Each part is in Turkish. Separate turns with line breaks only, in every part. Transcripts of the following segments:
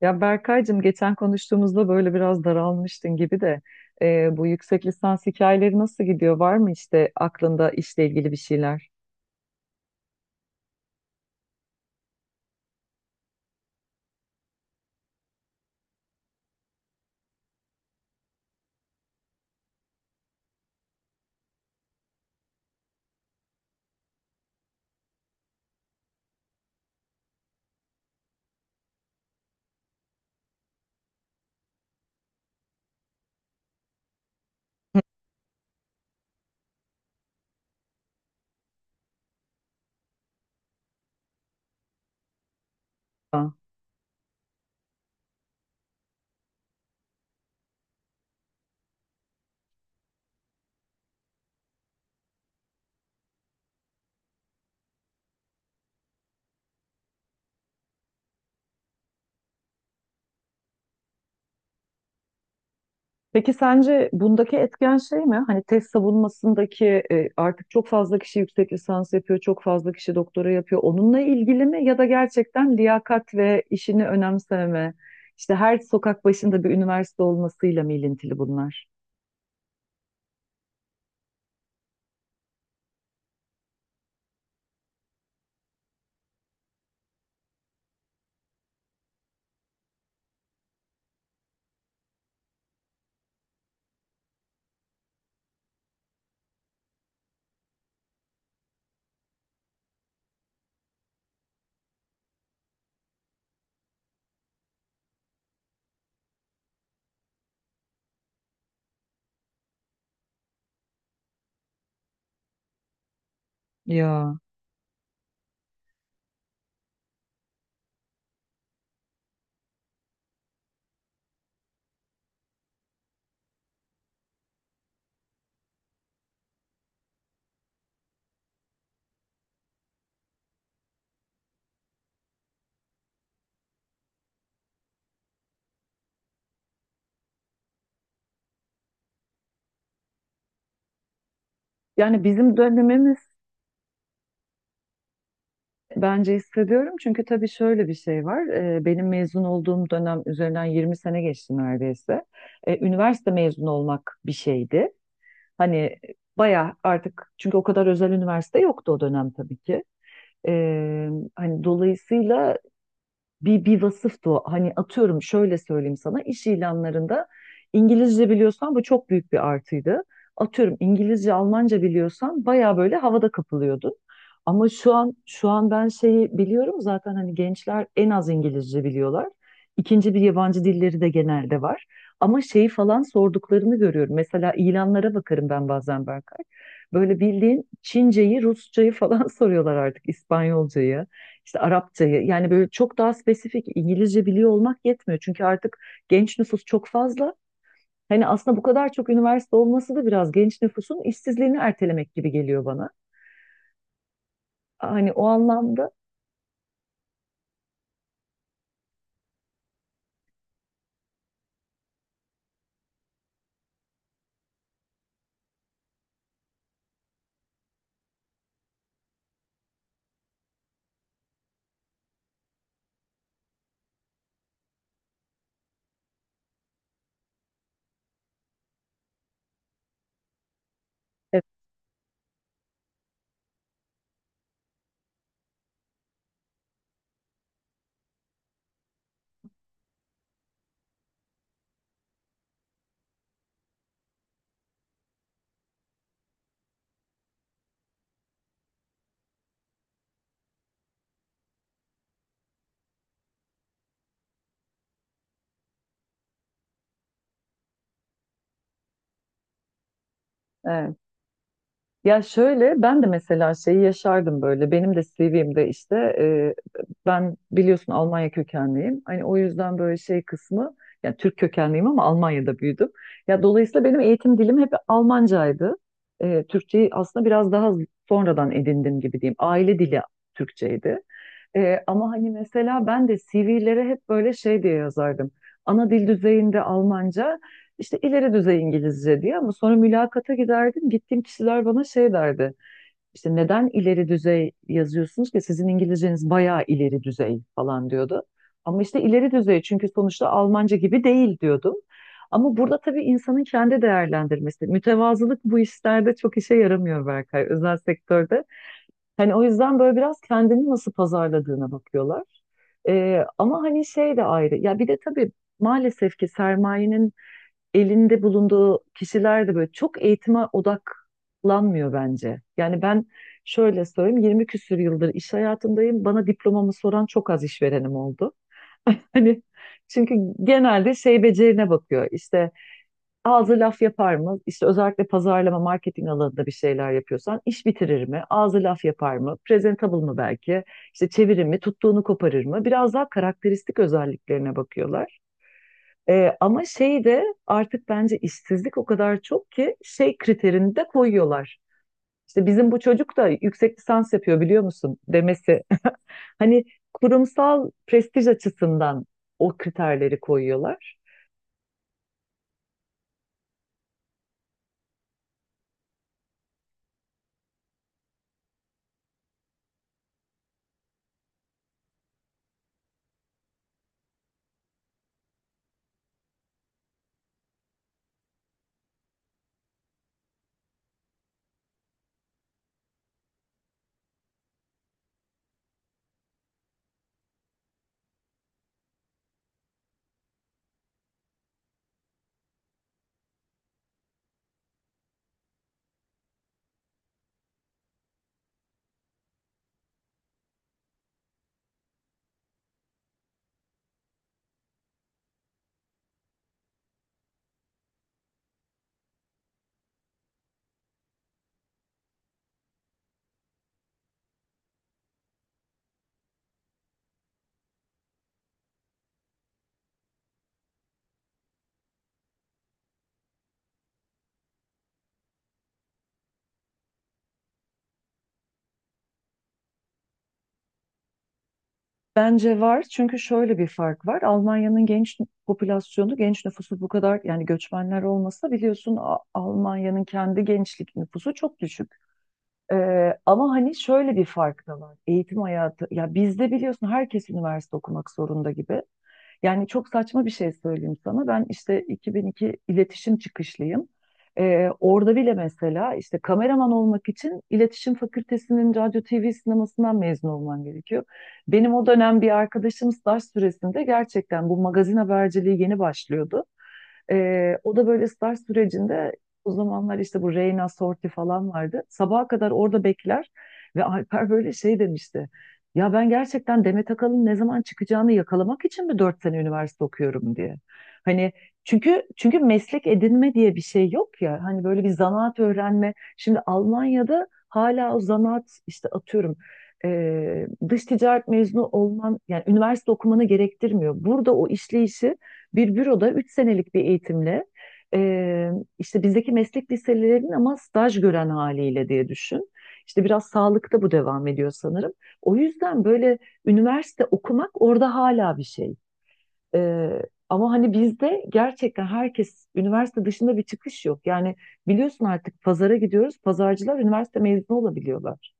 Ya Berkaycığım geçen konuştuğumuzda böyle biraz daralmıştın gibi de bu yüksek lisans hikayeleri nasıl gidiyor? Var mı işte aklında işle ilgili bir şeyler? Ha. Peki sence bundaki etken şey mi? Hani tez savunmasındaki artık çok fazla kişi yüksek lisans yapıyor, çok fazla kişi doktora yapıyor. Onunla ilgili mi ya da gerçekten liyakat ve işini önemsememe, işte her sokak başında bir üniversite olmasıyla mı ilintili bunlar? Ya. Yani bizim dönemimiz. Bence hissediyorum çünkü tabii şöyle bir şey var. Benim mezun olduğum dönem üzerinden 20 sene geçti neredeyse. Üniversite mezunu olmak bir şeydi. Hani bayağı, artık çünkü o kadar özel üniversite yoktu o dönem tabii ki. Ee, Hani dolayısıyla bir vasıftı o. Hani atıyorum şöyle söyleyeyim sana, iş ilanlarında İngilizce biliyorsan bu çok büyük bir artıydı. Atıyorum İngilizce, Almanca biliyorsan baya böyle havada kapılıyordun. Ama şu an ben şeyi biliyorum, zaten hani gençler en az İngilizce biliyorlar. İkinci bir yabancı dilleri de genelde var. Ama şeyi falan sorduklarını görüyorum. Mesela ilanlara bakarım ben bazen Berkay. Böyle bildiğin Çinceyi, Rusçayı falan soruyorlar artık, İspanyolcayı işte Arapçayı, yani böyle çok daha spesifik. İngilizce biliyor olmak yetmiyor. Çünkü artık genç nüfus çok fazla. Hani aslında bu kadar çok üniversite olması da biraz genç nüfusun işsizliğini ertelemek gibi geliyor bana. Hani o anlamda evet, evet. Ya şöyle ben de mesela şeyi yaşardım böyle. Benim de CV'mde işte ben biliyorsun Almanya kökenliyim. Hani o yüzden böyle şey kısmı, yani Türk kökenliyim ama Almanya'da büyüdüm. Ya dolayısıyla benim eğitim dilim hep Almancaydı. E, Türkçeyi aslında biraz daha sonradan edindim gibi diyeyim. Aile dili Türkçeydi. Ama hani mesela ben de CV'lere hep böyle şey diye yazardım. Ana dil düzeyinde Almanca, işte ileri düzey İngilizce diye, ama sonra mülakata giderdim. Gittiğim kişiler bana şey derdi. İşte neden ileri düzey yazıyorsunuz ki, sizin İngilizceniz bayağı ileri düzey falan diyordu. Ama işte ileri düzey çünkü sonuçta Almanca gibi değil diyordum. Ama burada tabii insanın kendi değerlendirmesi. Mütevazılık bu işlerde çok işe yaramıyor Berkay, özel sektörde. Hani o yüzden böyle biraz kendini nasıl pazarladığına bakıyorlar. Ama hani şey de ayrı. Ya bir de tabii maalesef ki sermayenin elinde bulunduğu kişiler de böyle çok eğitime odaklanmıyor bence. Yani ben şöyle söyleyeyim, 20 küsür yıldır iş hayatındayım. Bana diplomamı soran çok az işverenim oldu. Hani çünkü genelde şey becerine bakıyor. İşte ağzı laf yapar mı? İşte özellikle pazarlama, marketing alanında bir şeyler yapıyorsan iş bitirir mi? Ağzı laf yapar mı? Presentable mı belki? İşte çevirir mi? Tuttuğunu koparır mı? Biraz daha karakteristik özelliklerine bakıyorlar. Ama şey de artık bence işsizlik o kadar çok ki şey kriterini de koyuyorlar. İşte bizim bu çocuk da yüksek lisans yapıyor biliyor musun demesi. Hani kurumsal prestij açısından o kriterleri koyuyorlar. Bence var çünkü şöyle bir fark var. Almanya'nın genç popülasyonu, genç nüfusu bu kadar, yani göçmenler olmasa biliyorsun Almanya'nın kendi gençlik nüfusu çok düşük. Ama hani şöyle bir fark da var. Eğitim hayatı, ya bizde biliyorsun herkes üniversite okumak zorunda gibi. Yani çok saçma bir şey söyleyeyim sana. Ben işte 2002 iletişim çıkışlıyım. Orada bile mesela işte kameraman olmak için iletişim fakültesinin radyo TV sinemasından mezun olman gerekiyor. Benim o dönem bir arkadaşım staj süresinde, gerçekten bu magazin haberciliği yeni başlıyordu. O da böyle staj sürecinde, o zamanlar işte bu Reyna Sorti falan vardı. Sabaha kadar orada bekler ve Alper böyle şey demişti. Ya ben gerçekten Demet Akalın ne zaman çıkacağını yakalamak için mi dört sene üniversite okuyorum diye. Hani çünkü meslek edinme diye bir şey yok ya. Hani böyle bir zanaat öğrenme. Şimdi Almanya'da hala o zanaat işte atıyorum dış ticaret mezunu olman yani üniversite okumanı gerektirmiyor. Burada o işleyişi bir büroda üç senelik bir eğitimle eee, işte bizdeki meslek liselerinin ama staj gören haliyle diye düşün. İşte biraz sağlıkta bu devam ediyor sanırım. O yüzden böyle üniversite okumak orada hala bir şey. Ee, ama hani bizde gerçekten herkes, üniversite dışında bir çıkış yok. Yani biliyorsun artık pazara gidiyoruz. Pazarcılar üniversite mezunu olabiliyorlar.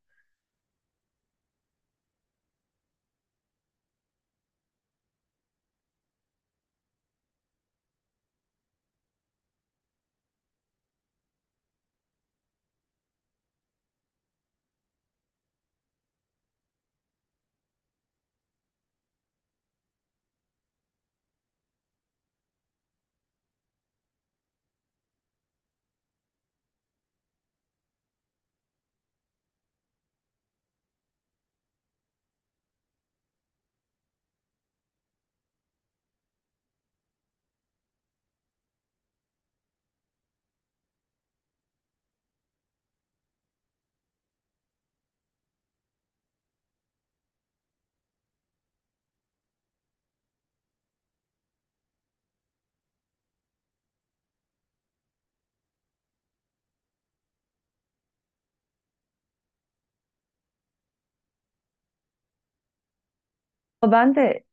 Ama Ben de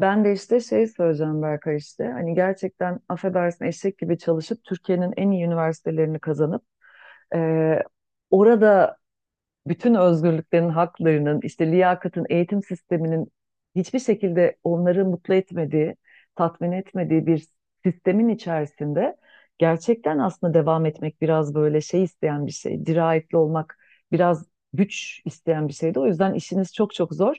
ben de işte şey söyleyeceğim Berkay, işte hani gerçekten affedersin eşek gibi çalışıp Türkiye'nin en iyi üniversitelerini kazanıp e, orada bütün özgürlüklerin, haklarının, işte liyakatın, eğitim sisteminin hiçbir şekilde onları mutlu etmediği, tatmin etmediği bir sistemin içerisinde gerçekten aslında devam etmek biraz böyle şey isteyen bir şey, dirayetli olmak biraz güç isteyen bir şeydi. O yüzden işiniz çok çok zor.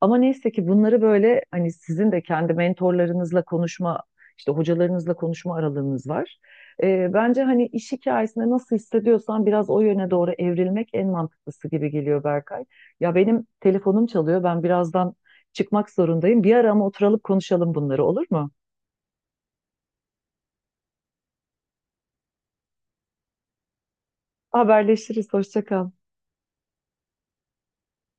Ama neyse ki bunları böyle hani sizin de kendi mentorlarınızla konuşma, işte hocalarınızla konuşma aralığınız var. Bence hani iş hikayesinde nasıl hissediyorsan biraz o yöne doğru evrilmek en mantıklısı gibi geliyor Berkay. Ya benim telefonum çalıyor. Ben birazdan çıkmak zorundayım. Bir ara ama oturalım konuşalım bunları, olur mu? Haberleşiriz. Hoşça kal.